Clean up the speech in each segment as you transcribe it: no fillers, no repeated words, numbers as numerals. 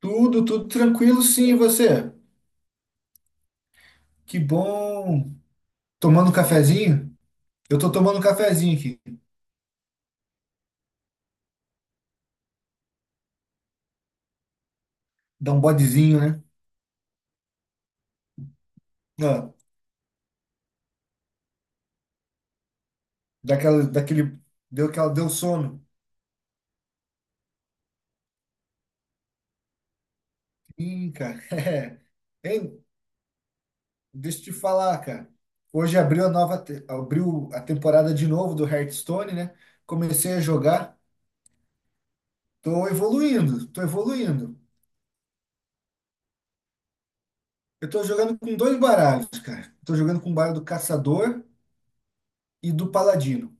Tudo, tudo tranquilo, sim, e você? Que bom. Tomando um cafezinho? Eu tô tomando um cafezinho aqui. Dá um bodezinho, né? Ah, daquela, daquele, deu aquela, deu sono. Ih, cara. é. Hein, deixa eu te falar, cara. Hoje abriu a temporada de novo do Hearthstone, né? Comecei a jogar. Tô evoluindo, tô evoluindo. Eu tô jogando com dois baralhos, cara. Tô jogando com o baralho do Caçador e do Paladino.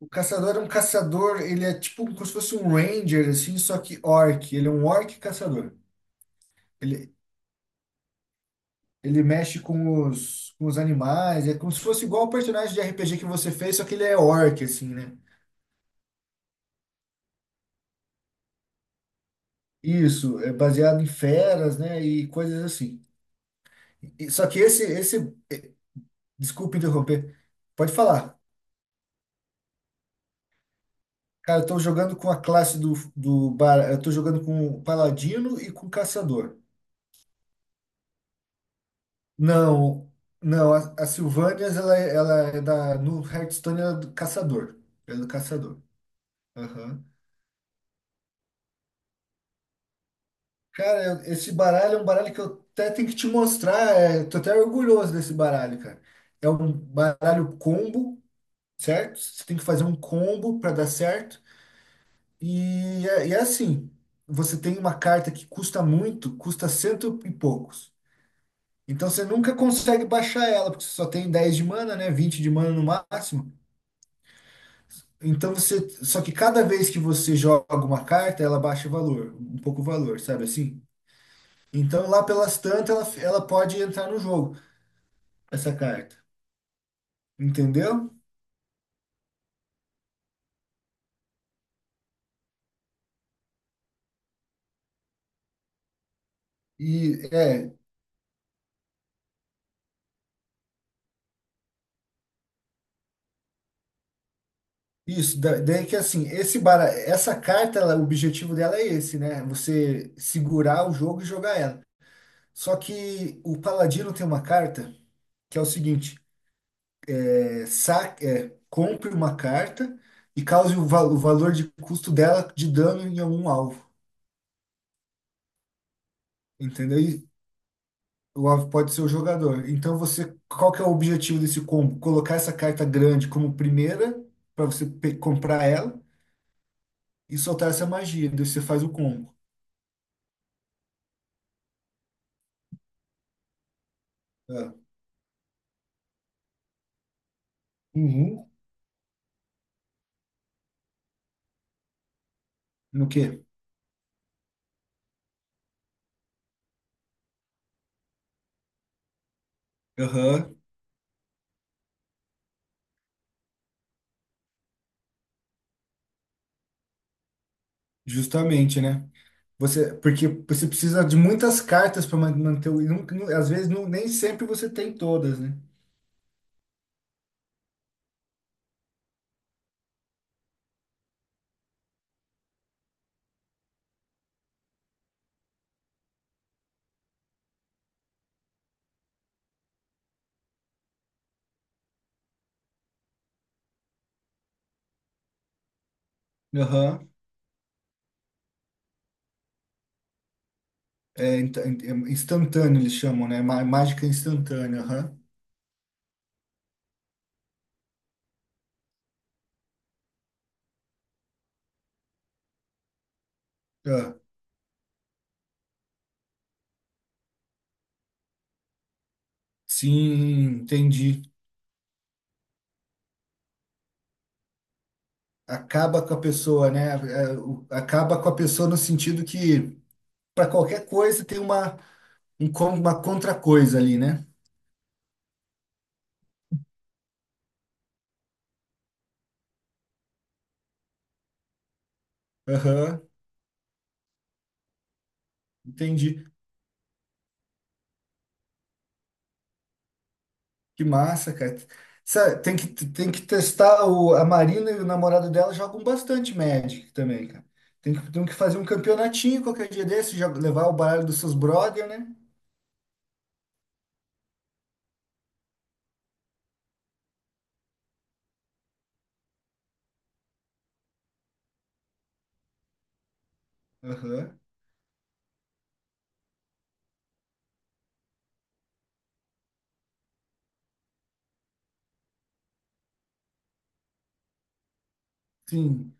O caçador é um caçador, ele é tipo como se fosse um ranger, assim, só que orc. Ele é um orc caçador. Ele, ele mexe com os animais, é como se fosse igual o personagem de RPG que você fez, só que ele é orc, assim, né? Isso, é baseado em feras, né? E coisas assim. E- só que esse, eh, Desculpa interromper, pode falar. Cara, eu tô jogando com a classe do, do bar, eu tô jogando com o paladino e com o caçador. Não, não, a Sylvanias, ela é da. No Hearthstone, ela é do caçador. Ela é do caçador. Aham. Cara, esse baralho é um baralho que eu até tenho que te mostrar. É, tô até orgulhoso desse baralho, cara. É um baralho combo, certo? Você tem que fazer um combo para dar certo. E é assim: você tem uma carta que custa muito, custa cento e poucos. Então você nunca consegue baixar ela, porque você só tem 10 de mana, né? 20 de mana no máximo. Então você. Só que cada vez que você joga uma carta, ela baixa o valor, um pouco o valor, sabe assim? Então lá pelas tantas, ela pode entrar no jogo, essa carta. Entendeu? E é isso. Daí que assim, essa carta, o objetivo dela é esse, né? Você segurar o jogo e jogar ela. Só que o Paladino tem uma carta que é o seguinte: compre uma carta e cause o valor de custo dela de dano em algum alvo. Entendeu? O alvo pode ser o jogador. Então você, qual que é o objetivo desse combo? Colocar essa carta grande como primeira para você comprar ela e soltar essa magia. Daí você faz o combo. Ah, uhum. No quê? Aham, justamente, né? Você, porque você precisa de muitas cartas para manter o. E nunca- nu- às vezes não- nem sempre você tem todas, né? Aham. É, é instantâneo eles chamam, né? Mágica instantânea. Aham. Ah, sim, entendi. Acaba com a pessoa, né? É, acaba com a pessoa no sentido que para qualquer coisa tem uma contra-coisa ali, né? Aham, entendi. Que massa, cara. Sabe, tem que testar a Marina e o namorado dela jogam bastante Magic também, cara. Tem que fazer um campeonatinho qualquer dia desse, levar o baralho dos seus brother, né? Aham, sim,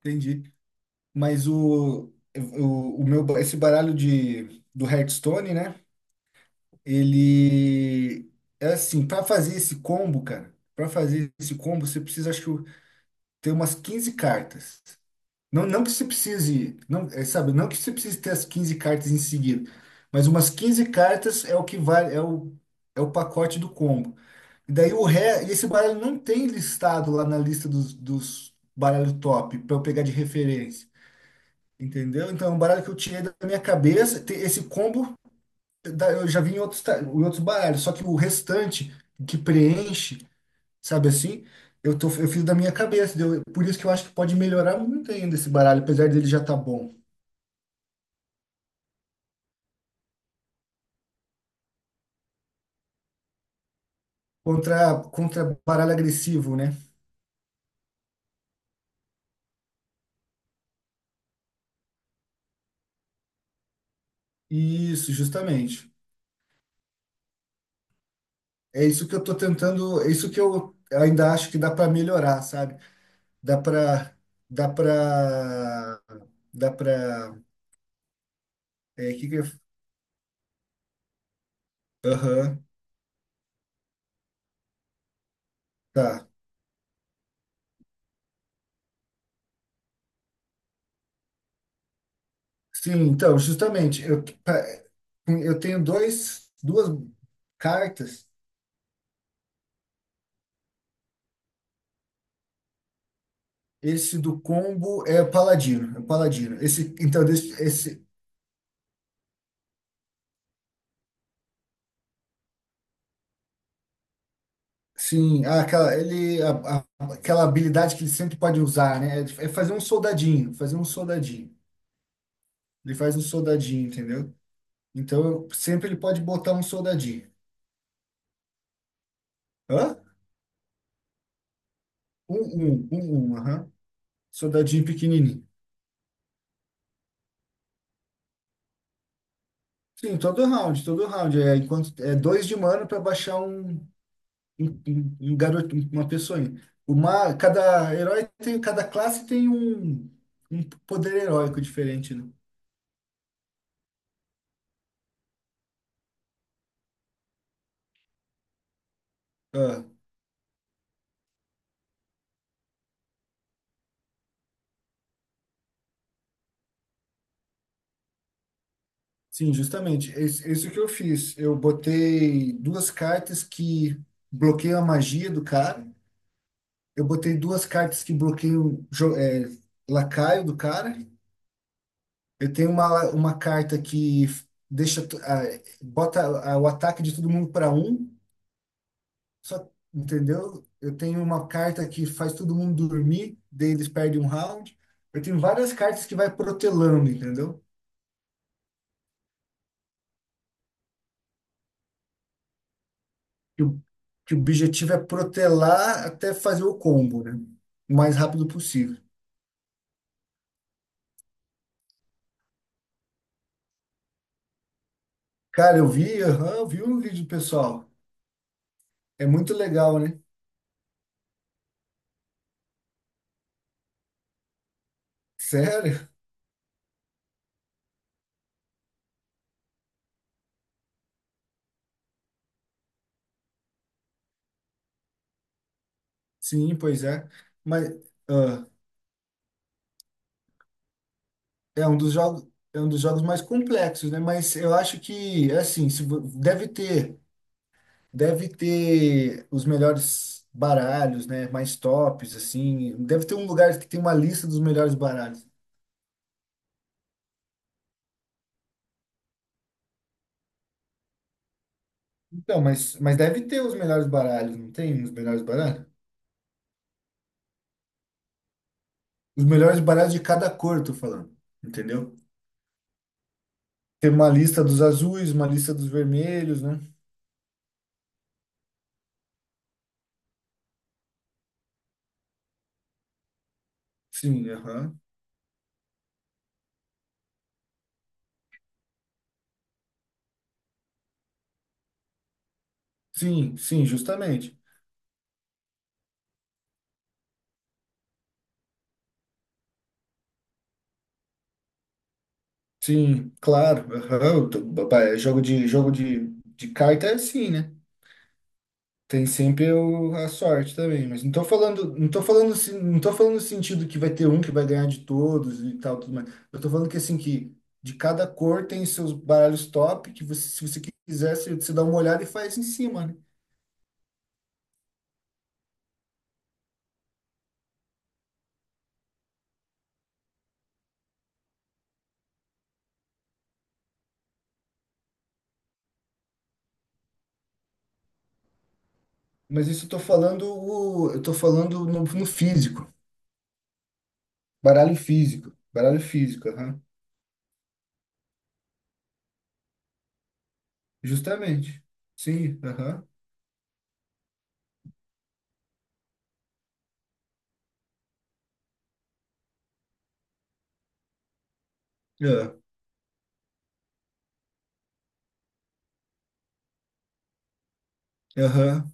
entendi. Mas o meu, esse baralho do Hearthstone, né? Ele é assim, para fazer esse combo, cara, para fazer esse combo, você precisa, acho que ter umas 15 cartas. Não, não que você precise, não, é, sabe, não que você precise ter as 15 cartas em seguida, mas umas 15 cartas é o que vale, é o pacote do combo. E daí o ré, e esse baralho não tem listado lá na lista dos baralhos top para eu pegar de referência. Entendeu? Então, é um baralho que eu tirei da minha cabeça. Esse combo eu já vi em outros, em outros baralhos, só que o restante que preenche, sabe assim, eu fiz da minha cabeça, deu, por isso que eu acho que pode melhorar muito ainda esse baralho, apesar dele já tá bom. Contra baralho agressivo, né? Isso, justamente. É isso que eu tô tentando, é isso que eu ainda acho que dá para melhorar, sabe? Dá para, dá para, dá para, é, que que eu, aham, tá. Sim, então, justamente, eu tenho duas cartas. Esse do combo é o Paladino, é o Paladino. Esse, então, desse- esse, sim, ah, aquela, ele, a- a- aquela habilidade que ele sempre pode usar, né? É fazer um soldadinho, fazer um soldadinho. Ele faz um soldadinho, entendeu? Então, sempre ele pode botar um soldadinho. Hã? Um, aham. Soldadinho pequenininho. Sim, todo round, todo round. É, enquanto, é dois de mana para baixar um. Uma pessoa. Uma, cada herói tem, Cada classe tem um poder heróico diferente, né? Ah, sim, justamente. Esse que eu fiz. Eu botei duas cartas que bloqueiam a magia do cara. Eu botei duas cartas que bloqueiam lacaio do cara. Eu tenho uma carta que deixa bota o ataque de todo mundo para um. Só, entendeu? Eu tenho uma carta que faz todo mundo dormir, daí eles perdem um round. Eu tenho várias cartas que vai protelando, entendeu? Que o, que o objetivo é protelar até fazer o combo, né? O mais rápido possível. Cara, eu vi, aham, eu vi um vídeo, do pessoal. É muito legal, né? Sério? Sim, pois é. Mas ah, é um dos jogos, é um dos jogos mais complexos, né? Mas eu acho que, é assim, se, vo- deve ter. Deve ter os melhores baralhos, né? Mais tops, assim. Deve ter um lugar que tem uma lista dos melhores baralhos. Então, mas deve ter os melhores baralhos, não tem os melhores baralhos? Os melhores baralhos de cada cor, tô falando. Entendeu? Tem uma lista dos azuis, uma lista dos vermelhos, né? Sim, aham. Sim, sim, justamente. Sim, claro. Aham. Eu tô- ba- ba- é, Jogo de, carta é assim, né? Tem sempre a sorte também, mas não tô falando no sentido que vai ter um que vai ganhar de todos e tal, tudo mais. Eu tô falando que assim que de cada cor tem seus baralhos top que você, se você quiser, você dá uma olhada e faz em cima, né? Mas isso eu tô falando, eu tô falando no físico, baralho físico, baralho físico, aham. Justamente. Sim, aham. É, aham.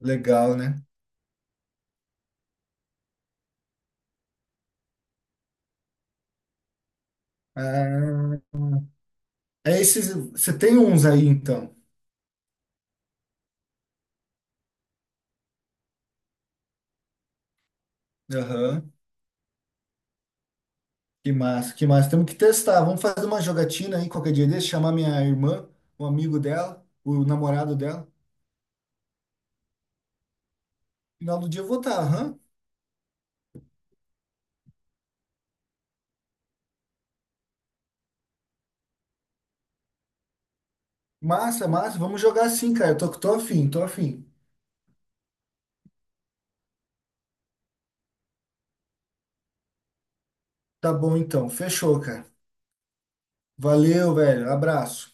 Legal, né? Ah, é esses, você tem uns aí então. Aham. Que massa, que massa. Temos que testar. Vamos fazer uma jogatina aí qualquer dia desse, chamar minha irmã, um amigo dela, o namorado dela. Final do dia eu vou estar, aham. Massa, massa. Vamos jogar sim, cara. Tô afim, tô afim. Tá bom então. Fechou, cara. Valeu, velho. Abraço.